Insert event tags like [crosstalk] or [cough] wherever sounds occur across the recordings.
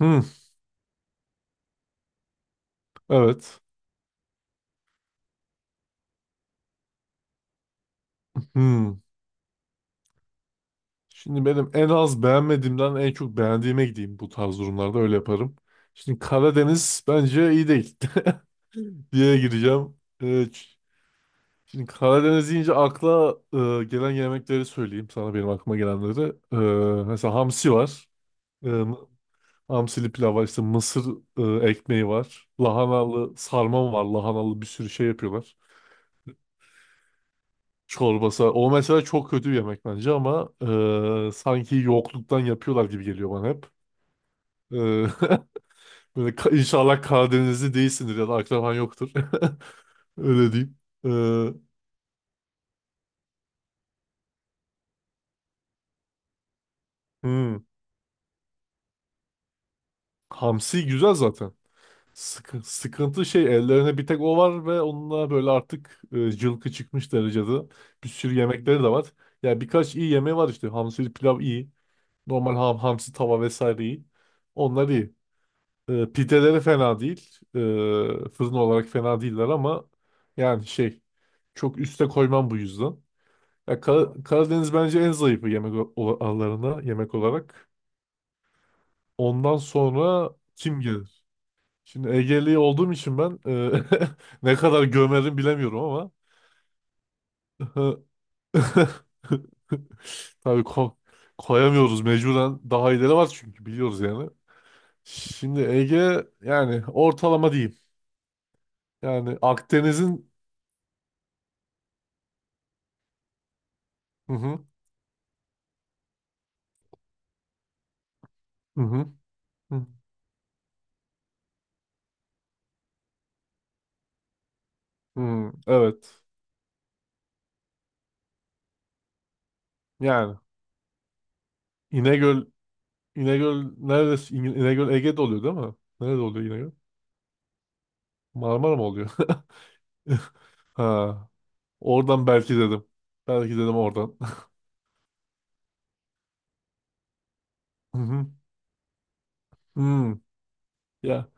Hmm, evet. Hmm. Şimdi benim en az beğenmediğimden en çok beğendiğime gideyim, bu tarz durumlarda öyle yaparım. Şimdi Karadeniz bence iyi değil [laughs] diye gireceğim. Şimdi Karadeniz deyince akla gelen yemekleri söyleyeyim sana benim aklıma gelenleri. Mesela hamsi var. Ee, hamsili pilav var. İşte mısır ekmeği var. Lahanalı sarma var. Lahanalı bir sürü şey yapıyorlar. Çorbası. O mesela çok kötü bir yemek bence ama sanki yokluktan yapıyorlar gibi geliyor bana hep. E, [laughs] böyle, inşallah Karadenizli değilsindir ya da akraban yoktur. [laughs] Öyle diyeyim. E, hmm. Hamsi güzel zaten. Sıkıntı şey, ellerine bir tek o var ve onunla böyle artık cılkı çıkmış derecede. Bir sürü yemekleri de var. Yani birkaç iyi yemeği var işte. Hamsili pilav iyi. Normal hamsi tava vesaire iyi. Onlar iyi. Pideleri fena değil. Fırın olarak fena değiller ama yani şey, çok üste koymam bu yüzden. Ya, Karadeniz bence en zayıfı yemek aralarında, yemek olarak. Ondan sonra kim gelir? Şimdi Egeli olduğum için ben [laughs] ne kadar gömerim bilemiyorum ama [laughs] tabii koyamıyoruz, mecburen daha iyileri var çünkü biliyoruz yani. Şimdi Ege yani ortalama diyeyim. Yani Akdeniz'in Hı hı. Hı hı. Hı. Hı. Evet. Yani İnegöl İnegöl neresi? İnegöl Ege'de oluyor değil mi? Nerede oluyor İnegöl? Marmara mı oluyor? [laughs] Ha. Oradan belki dedim. Belki dedim oradan. [laughs] Hı hı. Hı. Ya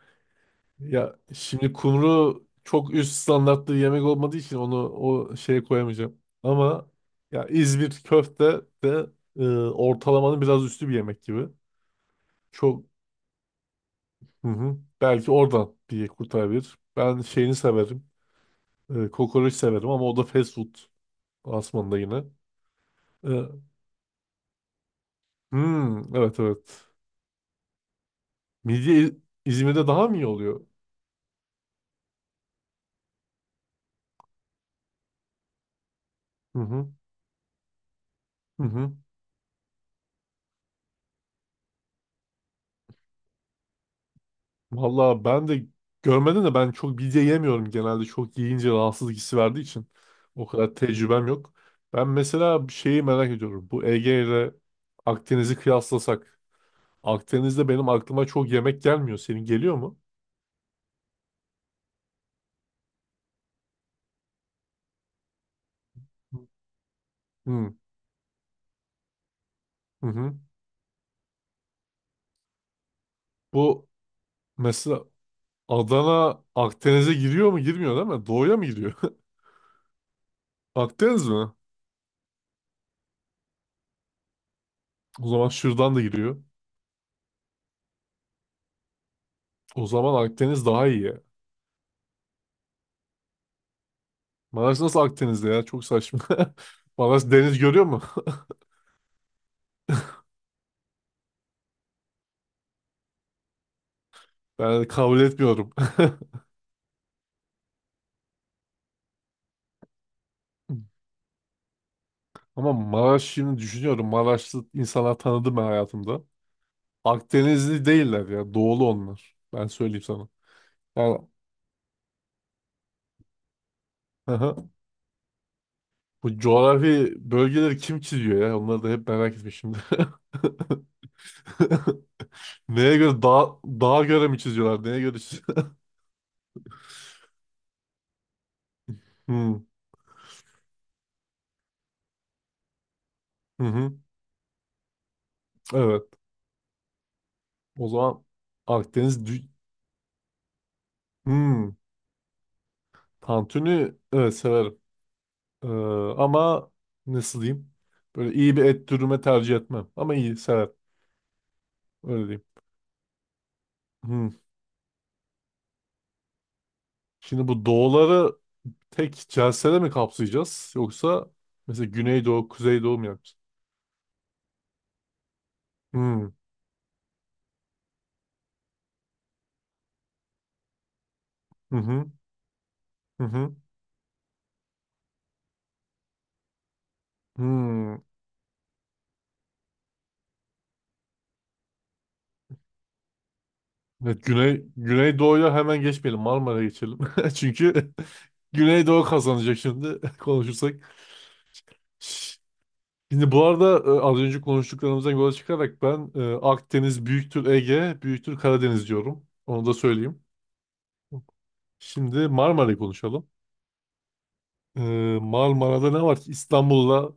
ya şimdi kumru çok üst standartlı yemek olmadığı için onu o şeye koyamayacağım. Ama ya İzmir köfte de ortalamanın biraz üstü bir yemek gibi. Çok hı hı. Belki oradan diye kurtarabilir. Ben şeyini severim. Kokoreç severim ama o da fast food. Asman'da yine. E, hmm, evet evet. Midye İzmir'de daha mı iyi oluyor? Hı hı. Hı hı. Valla ben de görmedim de ben çok midye yemiyorum genelde. Çok yiyince rahatsızlık hissi verdiği için. O kadar tecrübem yok. Ben mesela bir şeyi merak ediyorum. Bu Ege ile Akdeniz'i kıyaslasak. Akdeniz'de benim aklıma çok yemek gelmiyor. Senin geliyor mu? Hı hı. Hı. Bu mesela Adana Akdeniz'e giriyor mu? Girmiyor değil mi? Doğuya mı giriyor? [laughs] Akdeniz mi? O zaman şuradan da giriyor. O zaman Akdeniz daha iyi ya. Maraş nasıl Akdeniz'de ya? Çok saçma. [laughs] Maraş deniz görüyor mu? [laughs] Ben kabul etmiyorum. [laughs] Ama Maraş, şimdi düşünüyorum, Maraşlı insanlar tanıdım ben hayatımda. Akdenizli değiller ya. Doğulu onlar. Ben söyleyeyim sana. Yani aha. Bu coğrafi bölgeleri kim çiziyor ya? Onları da hep merak etmişim. [laughs] Neye göre dağa göre mi çiziyorlar? Neye göre. Hmm, hı hı. Evet. O zaman Akdeniz hmm, tantuni evet severim. Ee, ama nasıl diyeyim? Böyle iyi bir et dürüme tercih etmem. Ama iyi severim. Öyle diyeyim. Hmm. Şimdi bu doğuları tek celsede mi kapsayacağız? Yoksa mesela Güneydoğu, Kuzeydoğu mu yapacağız? Hmm, hı hı. Hı hı. Hmm. Evet, Güneydoğu'ya hemen geçmeyelim. Marmara'ya geçelim. [laughs] Çünkü [laughs] Güneydoğu kazanacak şimdi [laughs] konuşursak. Şimdi bu arada az önce konuştuklarımızdan yola çıkarak ben Akdeniz büyüktür Ege, büyüktür Karadeniz diyorum. Onu da söyleyeyim. Şimdi Marmara'yı konuşalım. E, Marmara'da ne var ki, İstanbul'la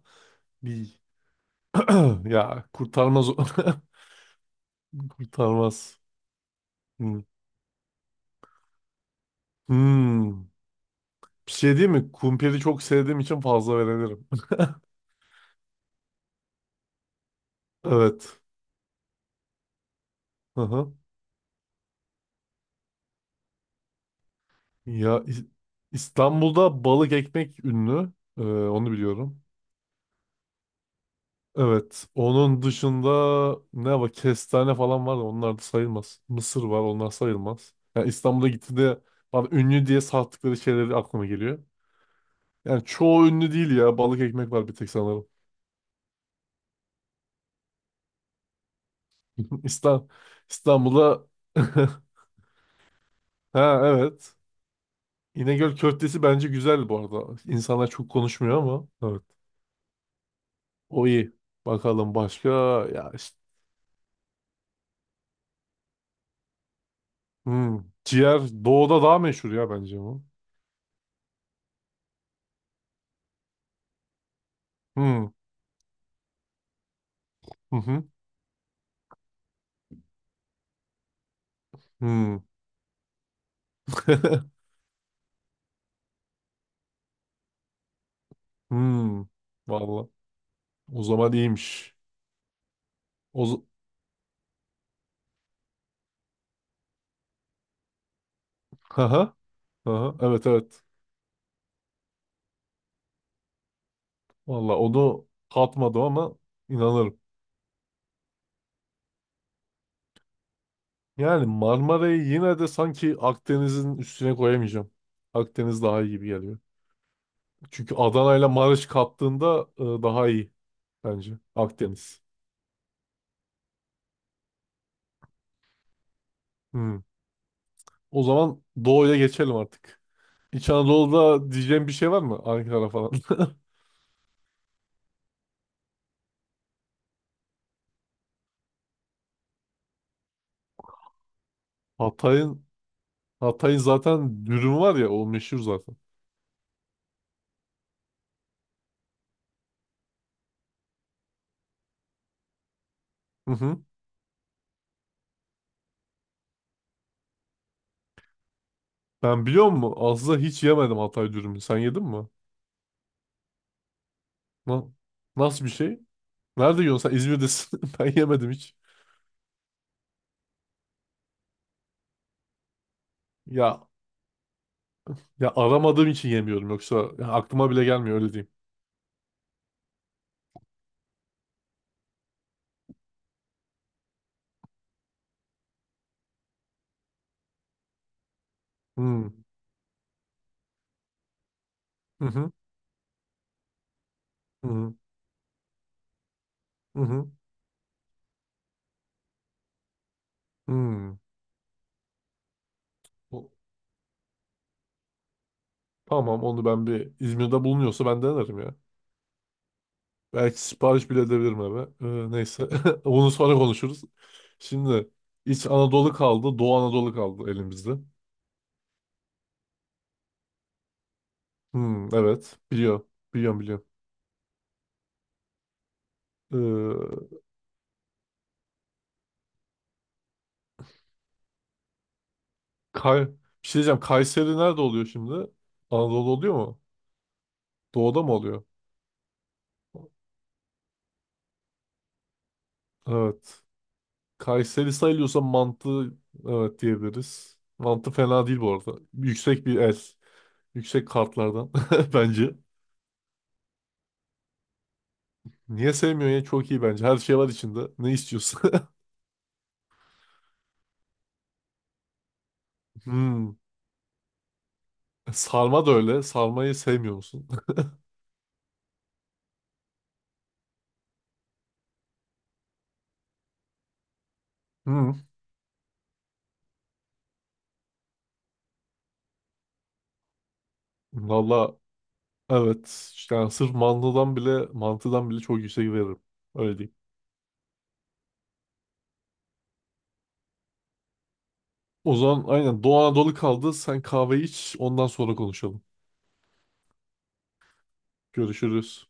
bir [clears throat] ya kurtarmaz o. [laughs] Kurtarmaz. Hmm. Hmm. Bir şey değil mi? Kumpiri çok sevdiğim için fazla verebilirim. [laughs] Evet. Hı hı. Ya İstanbul'da balık ekmek ünlü. Onu biliyorum. Evet. Onun dışında ne var? Kestane falan var da onlar da sayılmaz. Mısır var, onlar sayılmaz. Yani İstanbul'a gitti de bana ünlü diye sattıkları şeyleri aklıma geliyor. Yani çoğu ünlü değil ya. Balık ekmek var bir tek sanırım. [laughs] İstan İstanbul'a. [laughs] Ha, evet. İnegöl köftesi bence güzel bu arada. İnsanlar çok konuşmuyor ama evet. O iyi. Bakalım başka, ya işte. Hmm. Ciğer doğuda daha meşhur ya bence bu. Hmm. Hı hı. Hmm. [laughs] Hmm, vallahi, o zaman iyiymiş. O z- Haha, haha, evet evet. Vallahi onu katmadım ama inanırım. Yani Marmara'yı yine de sanki Akdeniz'in üstüne koyamayacağım. Akdeniz daha iyi gibi geliyor. Çünkü Adana ile Maraş kattığında daha iyi bence Akdeniz. Hmm. O zaman Doğu'ya geçelim artık. İç Anadolu'da diyeceğim bir şey var mı? Ankara falan. [laughs] Hatay'ın Hatay'ın zaten dürüm var ya, o meşhur zaten. Hı hı. Ben, biliyor musun, aslında hiç yemedim Hatay dürümü. Sen yedin mi? Na- nasıl bir şey? Nerede yiyorsun? Sen İzmir'desin. [laughs] Ben yemedim hiç. Ya ya aramadığım için yemiyorum. Yoksa ya aklıma bile gelmiyor, öyle diyeyim. Hmm. Hı hı. Hı hı. Hı hı. Hmm. O- Tamam, onu ben, bir İzmir'de bulunuyorsa ben denerim ya. Belki sipariş bile edebilirim eve. Neyse. [laughs] Bunu sonra konuşuruz. Şimdi İç Anadolu kaldı. Doğu Anadolu kaldı elimizde. Hmm, evet. Biliyor. Biliyorum, biliyorum. Ee, Kay bir şey diyeceğim. Kayseri nerede oluyor şimdi? Anadolu oluyor mu? Doğuda mı oluyor? Evet. Kayseri sayılıyorsa mantı, evet diyebiliriz. Mantı fena değil bu arada. Yüksek bir el. Yüksek kartlardan [laughs] bence. Niye sevmiyorsun ya? Çok iyi bence. Her şey var içinde. Ne istiyorsun? [laughs] Hmm. Sarma da öyle. Sarmayı sevmiyor musun? [laughs] Hmm. Valla evet. İşte yani sırf mantıdan bile çok yüksek veririm. Öyle diyeyim. O zaman aynen Doğu Anadolu kaldı. Sen kahve iç, ondan sonra konuşalım. Görüşürüz.